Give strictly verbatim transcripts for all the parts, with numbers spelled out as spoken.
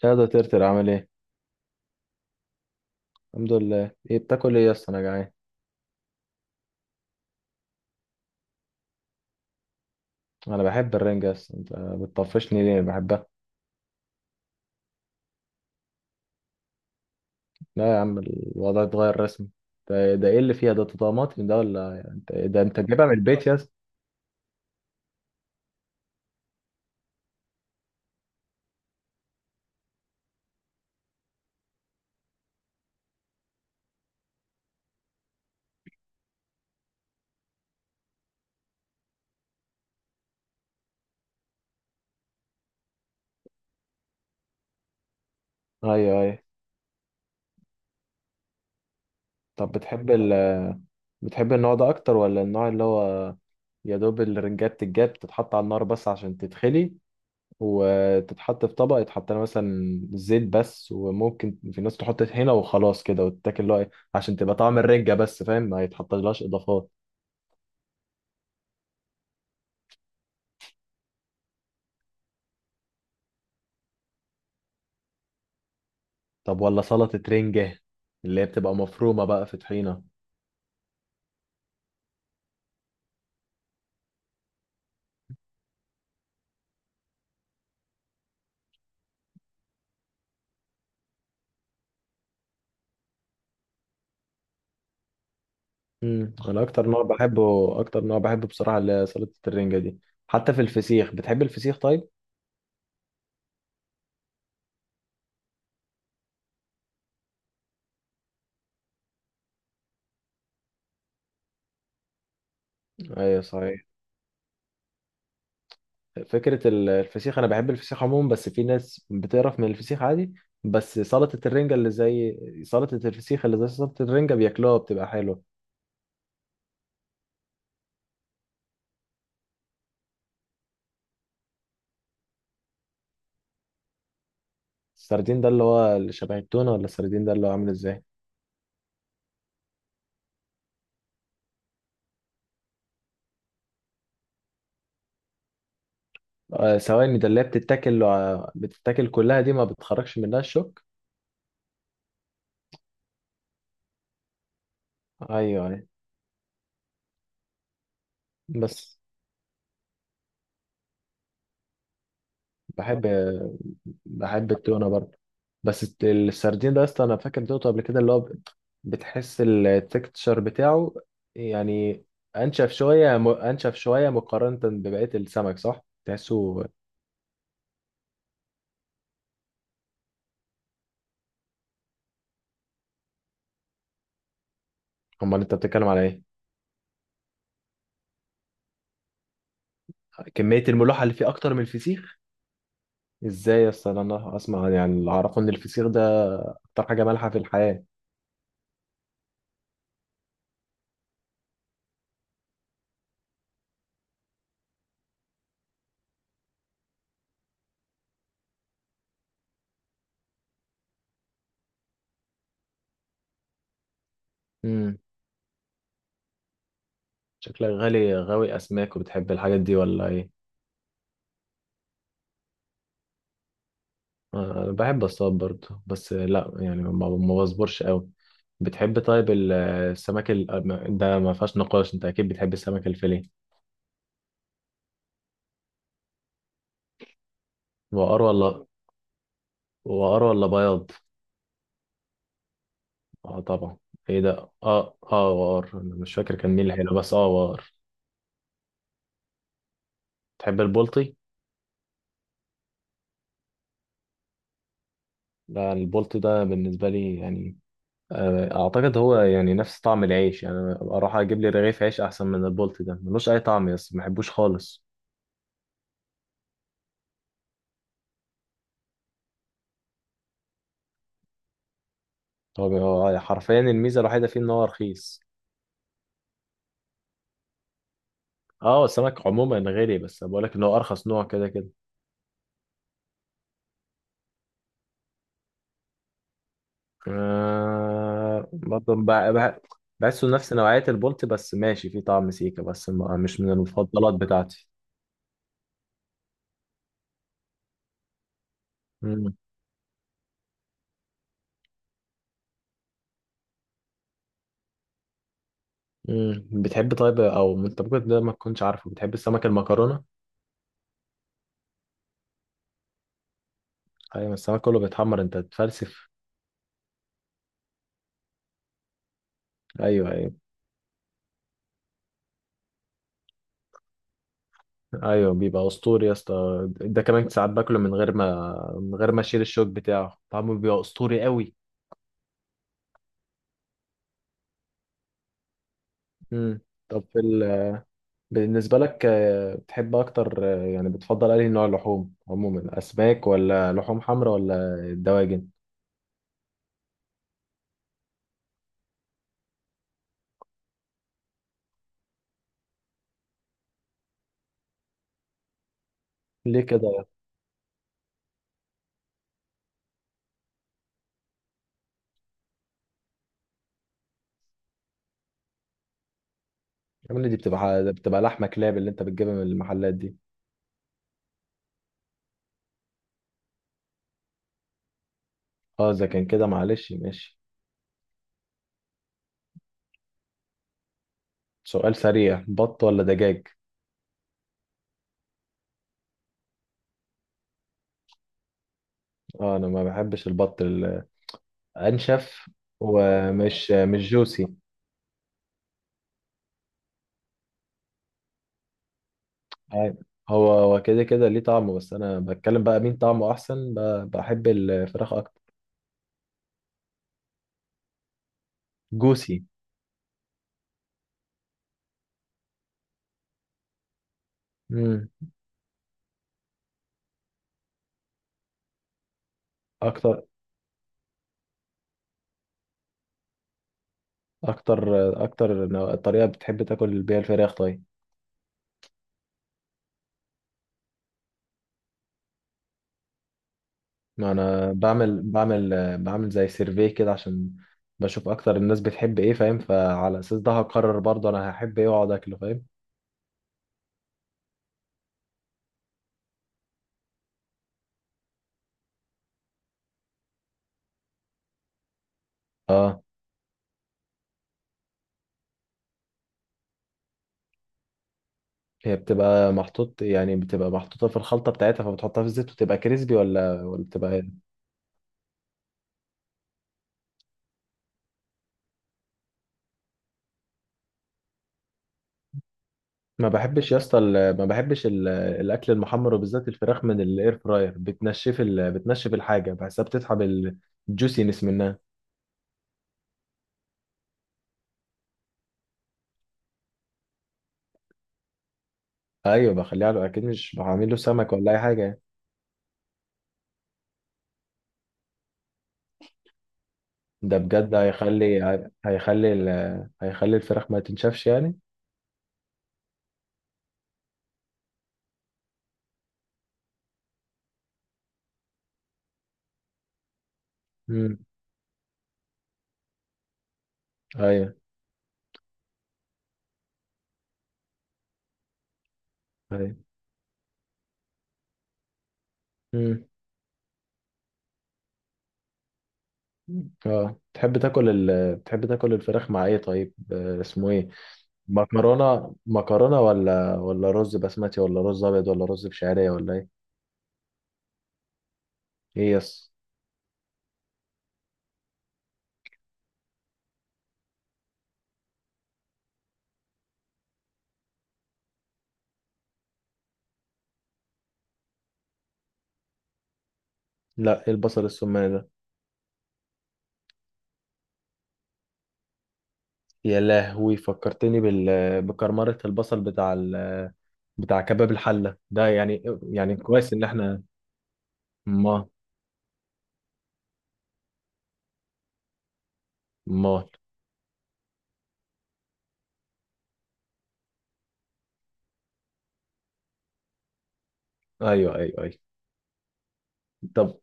شادو ترتر عامل ايه؟ الحمد لله. ايه بتاكل ايه يا اسطى؟ انا جعان. انا بحب الرنجة يا اسطى، انت بتطفشني ليه؟ بحبها. لا يا عم الوضع اتغير رسمي. ده, ده ايه اللي فيها؟ ده طماطم ده؟ ولا انت ده انت جايبها من البيت يا اسطى؟ ايوه ايوه. طب بتحب ال بتحب النوع ده اكتر ولا النوع اللي هو يا دوب الرنجات تتجاب تتحط على النار بس عشان تتخلي، وتتحط في طبق يتحط لها مثلا زيت بس، وممكن في ناس تحط طحينه وخلاص كده وتتاكل اللي هو إيه، عشان تبقى طعم الرنجه بس، فاهم؟ ما يتحطلهاش اضافات. طب ولا سلطه رنجه اللي هي بتبقى مفرومه بقى في طحينه؟ امم، انا اكتر نوع بحبه، اكتر نوع بحبه بصراحه اللي هي سلطه الرنجه دي. حتى في الفسيخ، بتحب الفسيخ طيب؟ ايوه صحيح. فكره ال- الفسيخ انا بحب الفسيخ عموما، بس في ناس بتقرف من الفسيخ عادي. بس سلطه الرنجه اللي زي سلطه الفسيخ اللي زي سلطه الرنجه بياكلوها بتبقى حلوه. السردين ده اللي هو اللي شبه التونة، ولا السردين ده اللي هو عامل ازاي؟ آه ثواني، ده اللي هي بتتاكل آه، بتتاكل كلها دي؟ ما بتخرجش منها الشوك؟ ايوه ايوه. بس بحب بحب التونة برضه. بس الت- السردين ده اصلا انا فاكر دوته قبل كده اللي هو ب- بتحس التكتشر بتاعه، يعني انشف شوية م- انشف شوية مقارنة ببقية السمك، صح تحسه؟ امال انت بتتكلم على ايه؟ كمية الملوحة اللي فيه اكتر من الفسيخ؟ ازاي يا اسطى؟ انا اسمع يعني اللي اعرفه ان الفسيخ ده اكتر حاجه مالحه في الحياه. امم، شكلك غالي غاوي اسماك وبتحب الحاجات دي ولا ايه؟ آه، انا بحب اصطاد برضه، بس لا يعني ما ما بصبرش قوي. بتحب طيب ال- السمك ال... ده ما فيهاش نقاش، انت اكيد بتحب السمك الفيليه. وقار ولا وقار ولا بياض؟ اه طبعا. ايه ده، اه اه وقار، انا مش فاكر كان مين اللي حلو بس اه وقار. تحب البلطي؟ لا البلطي ده بالنسبه لي يعني آه، اعتقد هو يعني نفس طعم العيش، يعني أنا اروح اجيب لي رغيف عيش احسن من البولت ده، ملوش اي طعم يس ما بحبوش خالص. هو بي- هو حرفيا الميزه الوحيده فيه ان هو رخيص. اه السمك عموما غالي، بس بقول لك ان هو ارخص نوع كده كده. آه برضه بع- بع- بحسه نفس نوعيه البولت، بس ماشي فيه طعم سيكا، بس ما- مش من المفضلات بتاعتي. مم. مم. بتحب طيب، او انت ممكن ده ما تكونش عارفه، بتحب السمك المكرونه؟ ايوه السمك كله بيتحمر، انت تفلسف. ايوه ايوه، ايوه بيبقى اسطوري يا اسطى، ده كمان ساعات باكله من غير ما من غير ما اشيل الشوك بتاعه، طعمه بيبقى اسطوري قوي. امم، طب في ال... بالنسبه لك آه، بتحب اكتر آه، يعني بتفضل انهي نوع لحوم عموما؟ اسماك ولا لحوم حمراء ولا الدواجن؟ ليه كده؟ الحمام دي بتبقى بتبقى لحمه كلاب اللي انت بتجيبها من المحلات دي؟ اه اذا كان كده معلش ماشي. سؤال سريع، بط ولا دجاج؟ اه انا ما بحبش البط ال- انشف ومش مش جوسي. أيوة. هو هو كده كده ليه طعمه، بس انا بتكلم بقى مين طعمه احسن، ب- بحب الفراخ اكتر. جوسي. امم، اكتر اكتر اكتر نوع، الطريقه بتحب تاكل بيها الفراخ طيب؟ ما انا بعمل بعمل بعمل زي سيرفي كده عشان بشوف اكتر الناس بتحب ايه، فاهم؟ فعلى اساس ده هقرر برضه انا هحب ايه واقعد اكله، فاهم؟ اه. هي بتبقى محطوط، يعني بتبقى محطوطه في الخلطه بتاعتها، فبتحطها في الزيت وتبقى كريسبي ولا ولا بتبقى؟ ما بحبش يا اسطى ال- ما بحبش ال- الاكل المحمر، وبالذات الفراخ من الاير فراير، بتنشف ال... بتنشف الحاجه، بحسها بتسحب الجوسينس منها. ايوه بخليه على، اكيد مش بعمل له سمك ولا اي حاجه. ده بجد هيخلي، هيخلي ال... هيخلي الفراخ ما تنشفش يعني؟ امم، ايوه ايوه. امم، اه تحب تاكل ال... بتحب تاكل الفراخ مع ايه طيب آه، اسمه ايه؟ مكرونه مكرونه ولا ولا رز بسمتي ولا رز ابيض ولا رز بشعريه ولا ايه؟ ايه يس. لا إيه البصل السمان ده؟ يا لهوي فكرتني بال... بكرمرة البصل بتاع ال... بتاع كباب الحلة ده يعني. يعني كويس ان احنا ما ما. ايوه ايوه ايوه. طب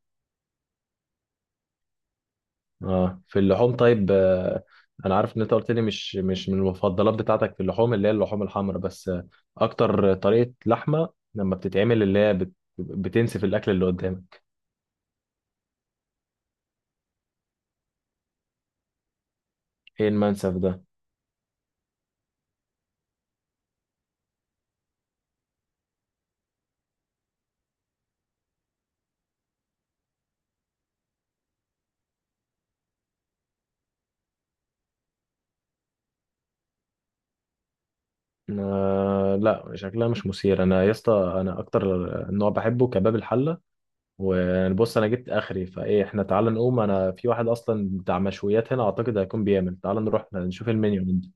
اه في اللحوم طيب آه، انا عارف ان انت قلت لي مش مش من المفضلات بتاعتك في اللحوم اللي هي اللحوم الحمراء، بس آه، اكتر طريقة لحمة لما بتتعمل اللي هي بت... بتنسف الاكل اللي قدامك؟ ايه المنسف ده؟ آه لا شكلها مش مثير انا يا اسطى، انا اكتر نوع بحبه كباب الحلة. وبص انا جبت اخري، فايه احنا تعالى نقوم، انا في واحد اصلا بتاع مشويات هنا اعتقد هيكون بيعمل، تعالى نروح نشوف المنيو.